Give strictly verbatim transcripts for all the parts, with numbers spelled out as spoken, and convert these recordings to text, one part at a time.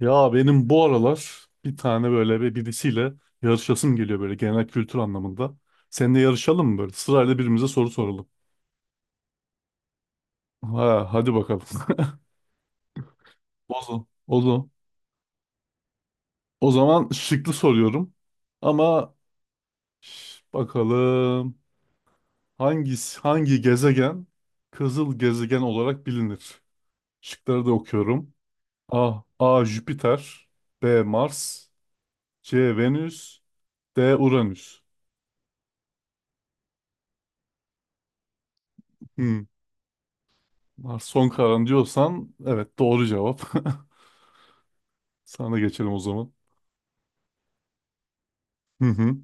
Ya benim bu aralar bir tane böyle bir birisiyle yarışasım geliyor böyle genel kültür anlamında. Seninle yarışalım mı böyle? Sırayla birbirimize soru soralım. Ha, hadi bakalım. O zaman, o zaman, o zaman şıklı soruyorum. Ama ş- bakalım hangisi hangi gezegen kızıl gezegen olarak bilinir? Şıkları da okuyorum. A. A. Jüpiter, B. Mars, C. Venüs, D. Uranüs. Hmm. Mars son kararın diyorsan evet doğru cevap. Sana geçelim o zaman. Hı hı.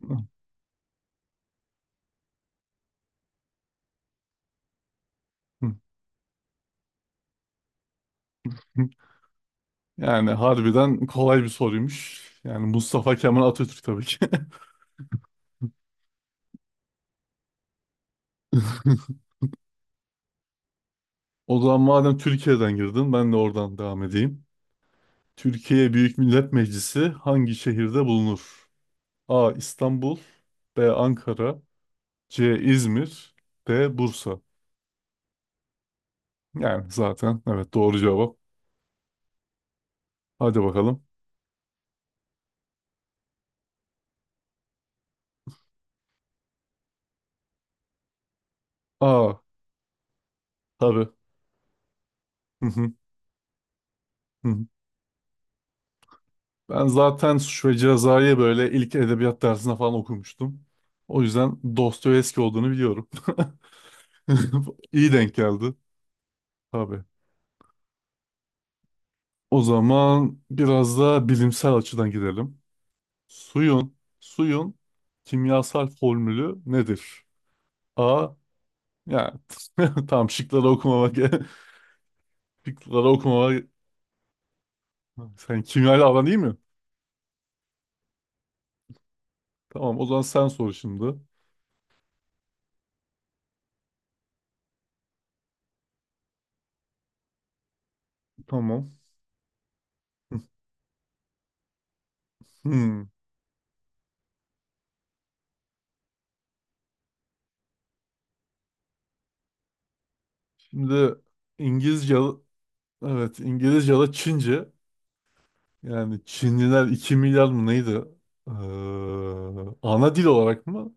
Hı hı. Yani harbiden kolay bir soruymuş. Yani Mustafa Kemal Atatürk tabii ki. O zaman madem Türkiye'den girdin ben de oradan devam edeyim. Türkiye Büyük Millet Meclisi hangi şehirde bulunur? A. İstanbul, B. Ankara, C. İzmir, D. Bursa. Yani zaten evet doğru cevap. Hadi bakalım. A. Tabii. Hı hı, hı hı. Ben zaten Suç ve Ceza'yı böyle ilk edebiyat dersinde falan okumuştum. O yüzden Dostoyevski olduğunu biliyorum. İyi denk geldi. Tabii. O zaman biraz da bilimsel açıdan gidelim. Suyun, suyun kimyasal formülü nedir? A, yani tam şıkları okumama ge- şıkları okumama sen kimyayla aran değil mi? Tamam o zaman sen sor şimdi. Tamam. Hmm. Şimdi İngilizce. Evet, İngilizce ya da Çince. Yani Çinliler iki milyar mı neydi? Ee, ana dil olarak mı?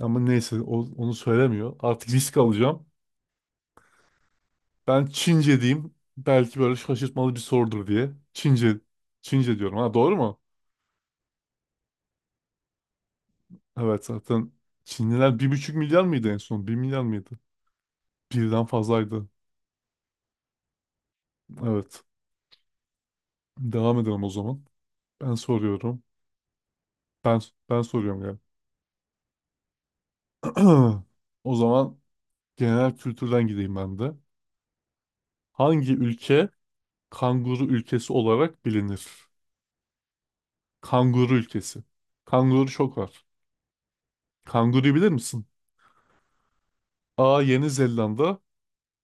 Ama neyse o- onu söylemiyor. Artık risk alacağım. Ben Çince diyeyim. Belki böyle şaşırtmalı bir sorudur diye. Çince, Çince diyorum. Ha doğru mu? Evet zaten Çinliler bir buçuk milyar mıydı en son? Bir milyar mıydı? Birden fazlaydı. Evet. Devam edelim o zaman. Ben soruyorum. Ben ben soruyorum yani. O zaman genel kültürden gideyim ben de. Hangi ülke kanguru ülkesi olarak bilinir? Kanguru ülkesi. Kanguru çok var. Kanguruyu bilir misin? A. Yeni Zelanda,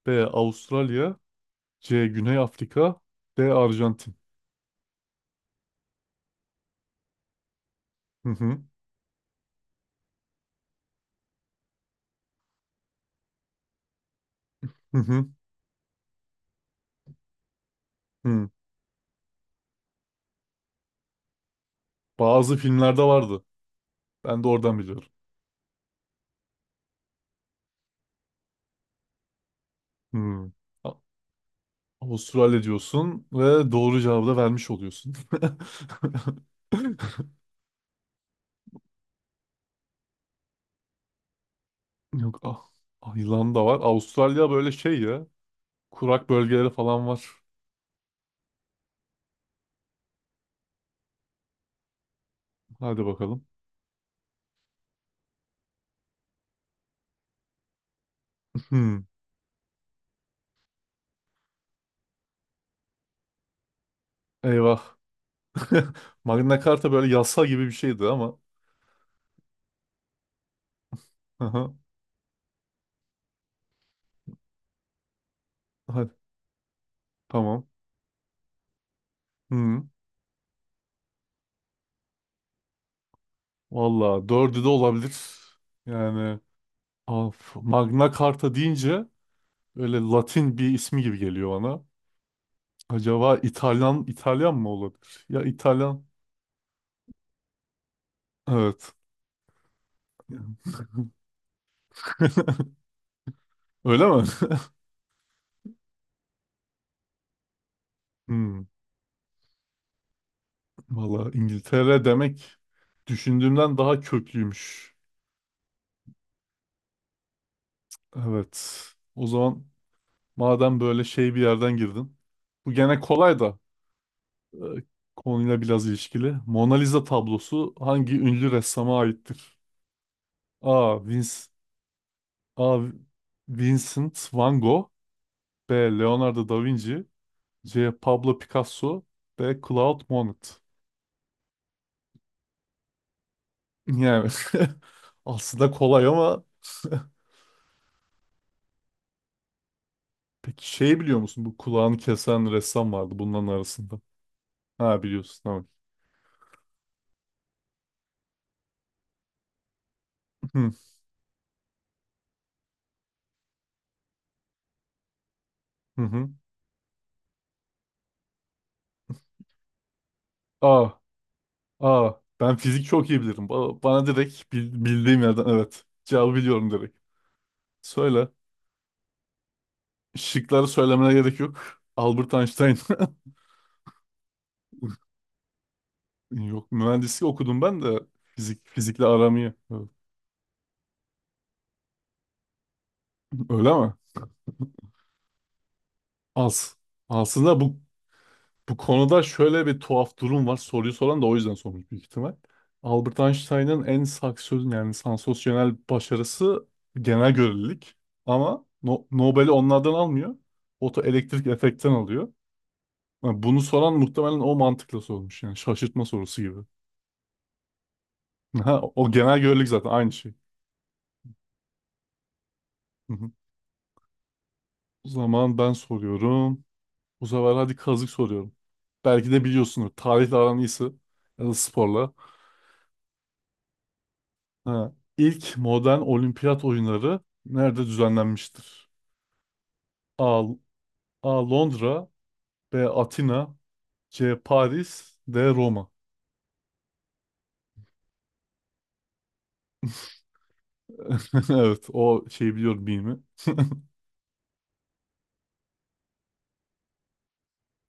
B. Avustralya, C. Güney Afrika, D. Arjantin. Hı hı, hı hı, hı. Bazı filmlerde vardı. Ben de oradan biliyorum. Hı. A- Avustralya diyorsun ve doğru cevabı da vermiş oluyorsun. Yok. Ah, ah, yılan da var. Avustralya böyle şey ya. Kurak bölgeleri falan var. Hadi bakalım. Hmm, eyvah. Magna Carta böyle yasa gibi bir şeydi ama. Aha, hadi tamam. Hmm. Valla dördü de olabilir. Yani of, Magna Carta deyince öyle Latin bir ismi gibi geliyor bana. Acaba İtalyan İtalyan mı olabilir? Ya İtalyan. Evet. Öyle mi? Hmm. Valla İngiltere demek düşündüğümden daha köklüymüş. Evet. O zaman madem böyle şey bir yerden girdin. Bu gene kolay da. e, Konuyla biraz ilişkili. Mona Lisa tablosu hangi ünlü ressama aittir? A. Vince, A. Vincent Van Gogh, B. Leonardo da Vinci, C. Pablo Picasso, D. Claude Monet. Yani aslında kolay ama peki şey biliyor musun? Bu kulağını kesen ressam vardı bunların arasında. Ha biliyorsun tamam. Hı hı. Hı. A. A. Ben fizik çok iyi bilirim. Ba- Bana direkt bil- bildiğim yerden evet. Cevabı biliyorum direkt. Söyle. Şıkları söylemene gerek yok. Albert Einstein. Yok, mühendislik okudum ben de, fizik fizikle aram iyi. Evet. Öyle mi? Az. Aslında bu bu konuda şöyle bir tuhaf durum var. Soruyu soran da o yüzden sormuş büyük ihtimal. Albert Einstein'ın en saksöz yani sansasyonel başarısı genel görelilik. Ama No- Nobel'i onlardan almıyor. Fotoelektrik efektten alıyor. Yani bunu soran muhtemelen o mantıkla sormuş. Yani şaşırtma sorusu gibi. Ha, o genel görelilik zaten aynı şey. O zaman ben soruyorum. Bu sefer hadi kazık soruyorum. Belki de biliyorsunuz. Tarihle aran iyisi. Ya da sporla. Ha. İlk modern olimpiyat oyunları nerede düzenlenmiştir? A. A. Londra, B. Atina, C. Paris, D. Roma. Evet o şeyi biliyorum bilimi.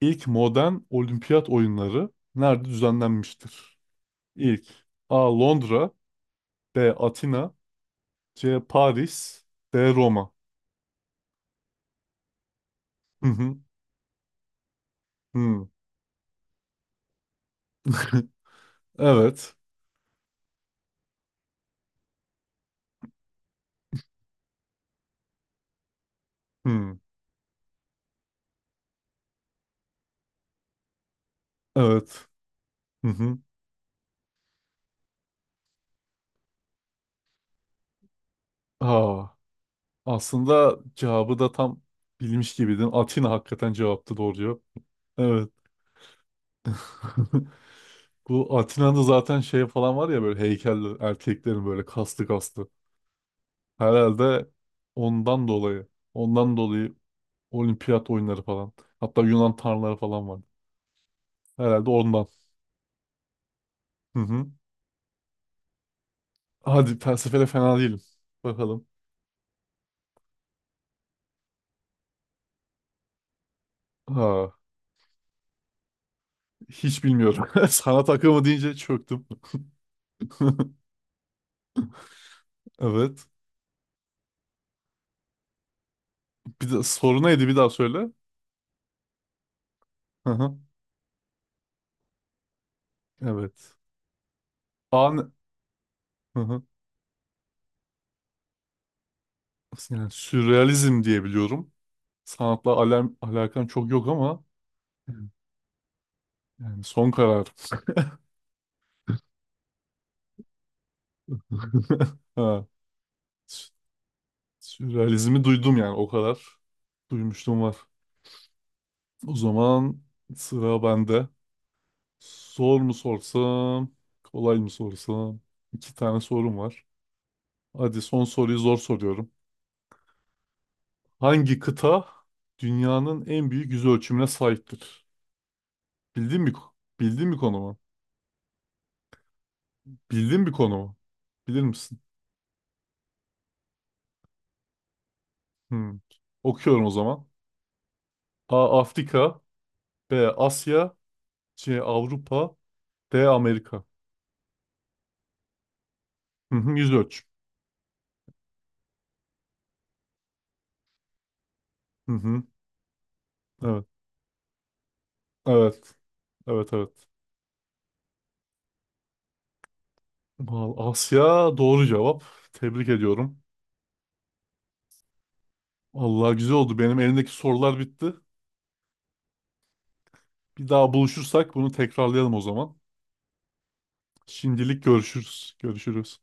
İlk modern olimpiyat oyunları nerede düzenlenmiştir? İlk A. Londra, B. Atina, C. Paris, D. Roma. Hı hı. Hı. Evet. Hmm, evet. Hı hı. Aa, aslında cevabı da tam bilmiş gibiydin. Atina hakikaten cevaptı, doğru cevap. Evet. Bu Atina'da zaten şey falan var ya, böyle heykeller erkeklerin, böyle kaslı kaslı. Herhalde ondan dolayı. Ondan dolayı olimpiyat oyunları falan. Hatta Yunan tanrıları falan vardı. Herhalde ondan. Hı hı. Hadi felsefede fena değilim. Bakalım. Ha, hiç bilmiyorum. Sanat akımı deyince çöktüm. Evet. Bir de soru neydi bir daha söyle. Hı hı. Evet. An hı hı. Yani sürrealizm diye biliyorum. Sanatla alem alakam çok yok ama yani son karar. Ha. sü- Sürrealizmi duydum yani o kadar. Duymuştum var. O zaman sıra bende. Zor mu sorsam, kolay mı sorsam? İki tane sorum var. Hadi son soruyu zor soruyorum. Hangi kıta dünyanın en büyük yüz ölçümüne sahiptir? Bildiğin bir ko- bildiğin bir konu mu? Bildiğin bir konu mu? Bilir misin? Hmm. Okuyorum o zaman. A. Afrika, B. Asya, C. Avrupa, D. Amerika. Hı hı, yüz ölçüm. Hı hı. Evet. Evet. Evet, evet. Vallahi Asya doğru cevap. Tebrik ediyorum. Allah güzel oldu. Benim elimdeki sorular bitti. Bir daha buluşursak bunu tekrarlayalım o zaman. Şimdilik görüşürüz. Görüşürüz.